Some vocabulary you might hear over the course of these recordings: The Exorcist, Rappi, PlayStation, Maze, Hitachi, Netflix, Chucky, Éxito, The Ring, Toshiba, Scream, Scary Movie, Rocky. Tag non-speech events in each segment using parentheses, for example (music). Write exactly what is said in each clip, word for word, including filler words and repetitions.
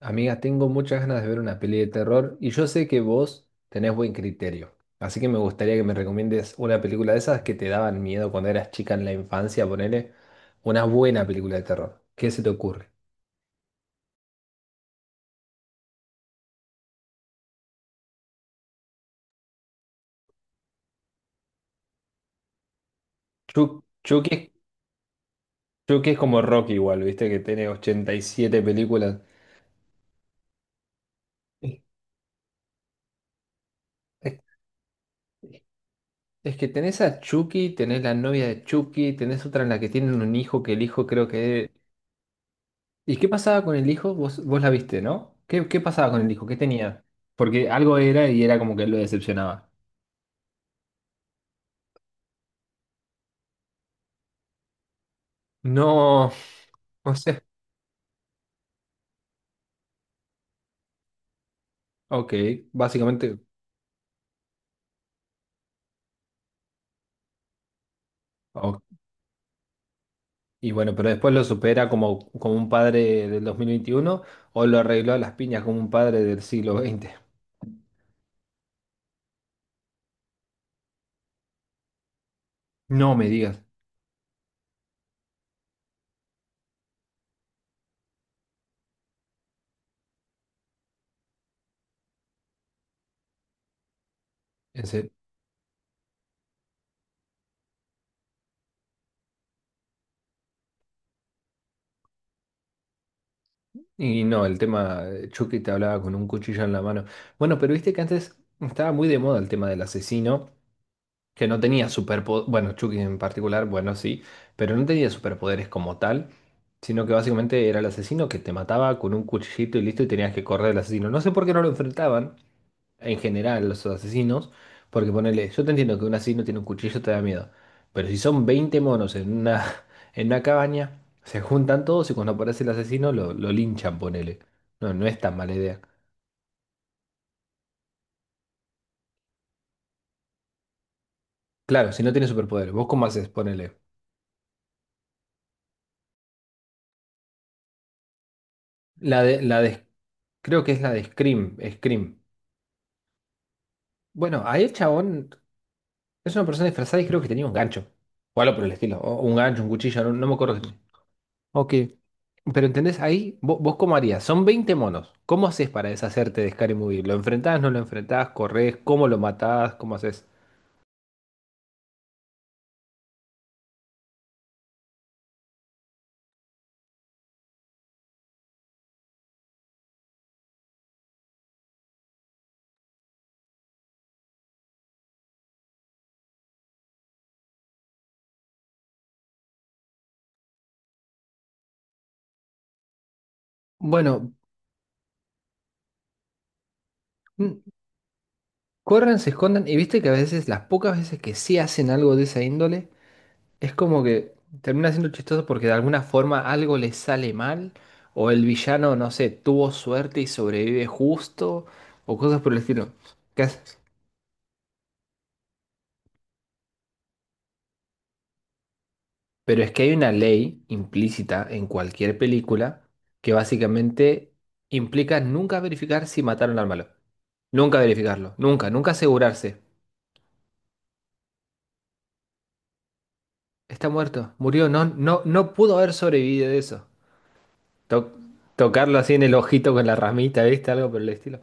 Amiga, tengo muchas ganas de ver una peli de terror y yo sé que vos tenés buen criterio. Así que me gustaría que me recomiendes una película de esas que te daban miedo cuando eras chica en la infancia, ponele una buena película de terror. ¿Qué se te ocurre? Chu- Chucky, es- Chucky es como Rocky igual, viste que tiene ochenta y siete películas. Es, es- es que tenés a Chucky, tenés la novia de Chucky, tenés otra en la que tienen un hijo que el hijo creo que... ¿Y qué pasaba con el hijo? Vos, vos la viste, ¿no? ¿Qué, qué pasaba con el hijo? ¿Qué tenía? Porque algo era y era como que lo decepcionaba. No, no sé. Ok, básicamente. Ok. Y bueno, pero después lo supera como, como un padre del dos mil veintiuno o lo arregló a las piñas como un padre del siglo veinte. No me digas. En serio. Y no, el tema, eh, Chucky te hablaba con un cuchillo en la mano. Bueno, pero viste que antes estaba muy de moda el tema del asesino que no tenía superpoderes, bueno, Chucky en particular, bueno, sí, pero no tenía superpoderes como tal, sino que básicamente era el asesino que te mataba con un cuchillito y listo, y tenías que correr del asesino. No sé por qué no lo enfrentaban en general los asesinos, porque ponele, yo te entiendo que un asesino tiene un cuchillo te da miedo, pero si son veinte monos en una, (laughs) en una cabaña, se juntan todos y cuando aparece el asesino lo, lo linchan, ponele. No, no es tan mala idea. Claro, si no tiene superpoderes, ¿vos cómo haces? Ponele. La de, la de, creo que es la de Scream, Scream. Bueno, ahí el chabón es una persona disfrazada y creo que tenía un gancho. O algo por el estilo. O un gancho, un cuchillo, no, no me acuerdo qué tenía. Ok. Pero entendés, ahí vos, ¿vos cómo harías? Son veinte monos. ¿Cómo haces para deshacerte de Scary Movie? ¿Lo enfrentás, no lo enfrentás? ¿Corrés? ¿Cómo lo matás? ¿Cómo haces? Bueno, mm, corran, se escondan, y viste que a veces, las pocas veces que sí hacen algo de esa índole... Es como que termina siendo chistoso porque de alguna forma algo le sale mal, o el villano, no sé, tuvo suerte y sobrevive justo, o cosas por el estilo. ¿Qué haces? Pero es que hay una ley implícita en cualquier película que básicamente implica nunca verificar si mataron al malo. Nunca verificarlo, nunca, nunca asegurarse. Está muerto, murió, no, no, no pudo haber sobrevivido de eso. To- tocarlo así en el ojito con la ramita, ¿viste? Algo por el estilo.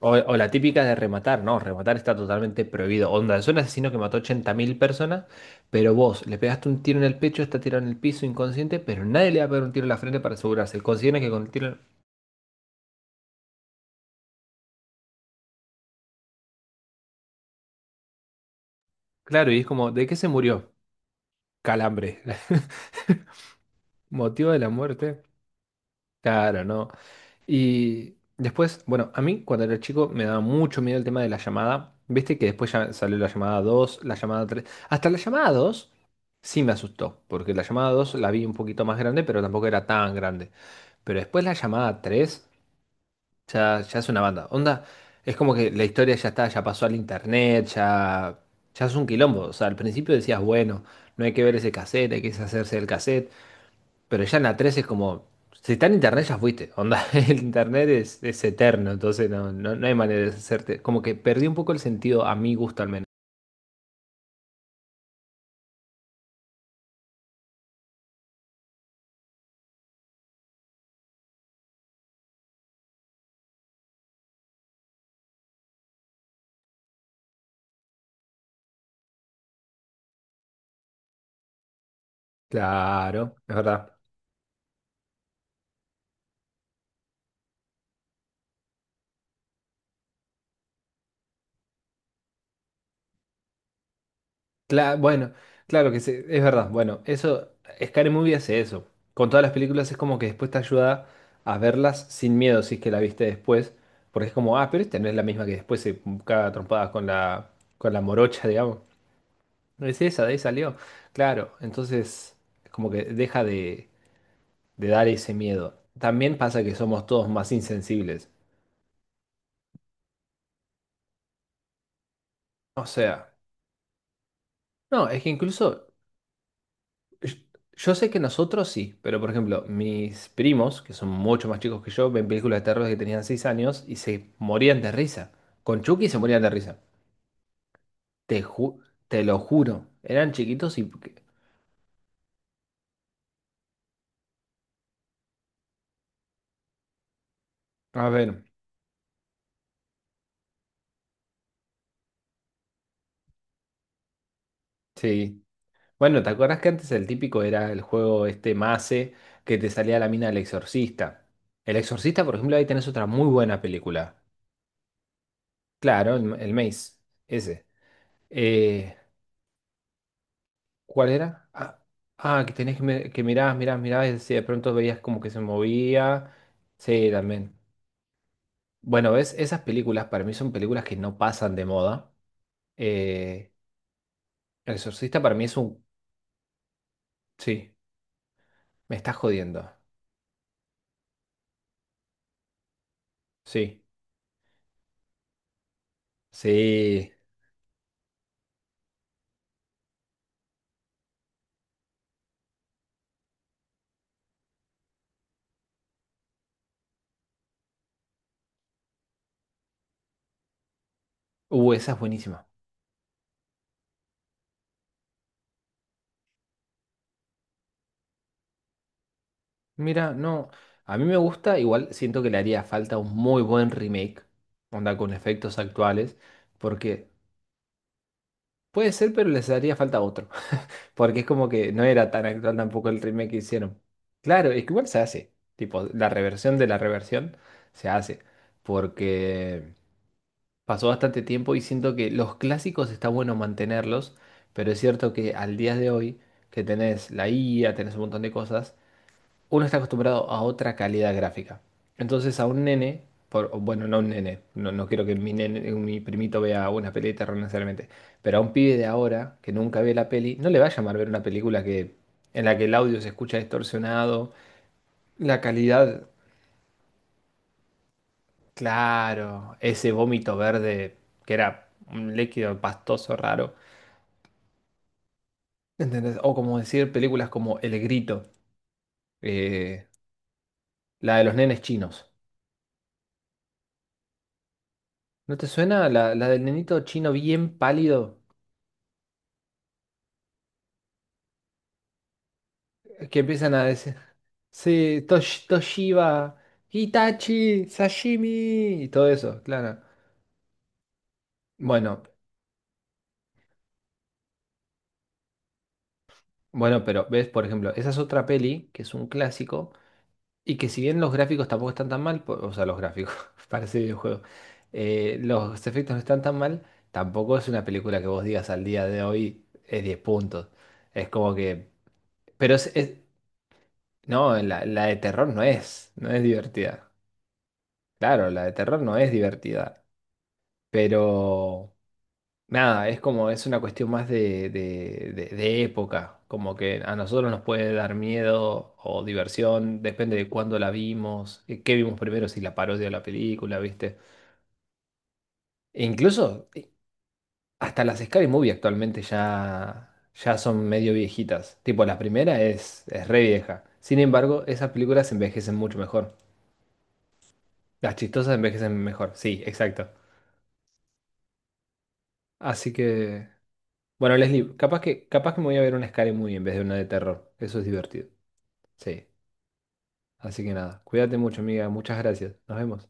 O, o la típica de rematar, no, rematar está totalmente prohibido. Onda, es un asesino que mató ochenta mil personas, pero vos le pegaste un tiro en el pecho, está tirado en el piso inconsciente, pero nadie le va a pegar un tiro en la frente para asegurarse. Consideran que con el tiro... Claro, y es como, ¿de qué se murió? Calambre. (laughs) ¿Motivo de la muerte? Claro, no. Y después, bueno, a mí cuando era chico me daba mucho miedo el tema de la llamada. Viste que después ya salió la llamada dos, la llamada tres. Hasta la llamada dos sí me asustó, porque la llamada dos la vi un poquito más grande, pero tampoco era tan grande. Pero después la llamada tres ya, ya es una banda. Onda, es como que la historia ya está, ya pasó al internet, ya, ya es un quilombo. O sea, al principio decías, bueno, no hay que ver ese cassette, hay que deshacerse del cassette. Pero ya en la tres es como, si está en internet ya fuiste, onda, (laughs) el internet es, es eterno, entonces no, no, no hay manera de deshacerte. Como que perdí un poco el sentido a mi gusto al menos. Claro, es verdad. Cla- bueno, claro que sí, es verdad. Bueno, eso, Scary Movie hace eso. Con todas las películas es como que después te ayuda a verlas sin miedo si es que la viste después. Porque es como, ah, pero esta no es la misma que después se caga a trompadas con la, con la morocha, digamos. No es esa, de ahí salió. Claro, entonces como que deja de de dar ese miedo. También pasa que somos todos más insensibles. O sea, no, es que incluso yo, yo sé que nosotros sí, pero por ejemplo, mis primos, que son mucho más chicos que yo, ven películas de terror, que tenían seis años y se morían de risa. Con Chucky se morían de risa. Te ju- te lo juro. Eran chiquitos y... A ver, sí. Bueno, ¿te acuerdas que antes el típico era el juego este Mace que te salía la mina del exorcista? El exorcista, por ejemplo, ahí tenés otra muy buena película. Claro, el, el Maze, ese. Eh, ¿cuál era? Ah, ah, que tenías que, mi- que mirabas, mirabas, mirabas y si de pronto veías como que se movía. Sí, también. Bueno, ves, esas películas para mí son películas que no pasan de moda. Eh, El Exorcista para mí es un... Sí, me estás jodiendo. Sí, sí. Uh, esa es buenísima. Mira, no, a mí me gusta, igual siento que le haría falta un muy buen remake, onda con efectos actuales, porque... Puede ser, pero les haría falta otro, (laughs) porque es como que no era tan actual tampoco el remake que hicieron. Claro, es que igual se hace, tipo, la reversión de la reversión se hace, porque pasó bastante tiempo y siento que los clásicos está bueno mantenerlos, pero es cierto que al día de hoy, que tenés la I A, tenés un montón de cosas, uno está acostumbrado a otra calidad gráfica. Entonces a un nene, por, o bueno, no un nene, no, no quiero que mi nene, mi primito vea una peli de terror necesariamente, pero a un pibe de ahora que nunca ve la peli, no le va a llamar ver una película que, en la que el audio se escucha distorsionado, la calidad, claro, ese vómito verde que era un líquido pastoso raro, ¿entendés? O como decir películas como El Grito, eh, la de los nenes chinos. ¿No te suena la, la del nenito chino bien pálido que empiezan a decir, sí, Tosh- Toshiba, Hitachi, sashimi, y todo eso, claro? Bueno, bueno, pero ves, por ejemplo, esa es otra peli que es un clásico y que si bien los gráficos tampoco están tan mal, po- o sea, los gráficos, (laughs) parece videojuego, eh, los efectos no están tan mal, tampoco es una película que vos digas al día de hoy es diez puntos. Es como que, pero es, es- no, la, la de terror no es, no es divertida. Claro, la de terror no es divertida, pero... Nada, es como, es una cuestión más de, de- de- de época, como que a nosotros nos puede dar miedo o diversión, depende de cuándo la vimos, eh, qué vimos primero, si la parodia o la película, ¿viste? E incluso eh, hasta las Scary Movie actualmente ya, ya son medio viejitas, tipo la primera es, es re vieja, sin embargo, esas películas envejecen mucho mejor, las chistosas envejecen mejor, sí, exacto. Así que, bueno, Leslie, capaz que, capaz que me voy a ver una Scary Movie en vez de una de terror, eso es divertido. Sí. Así que nada, cuídate mucho, amiga. Muchas gracias. Nos vemos.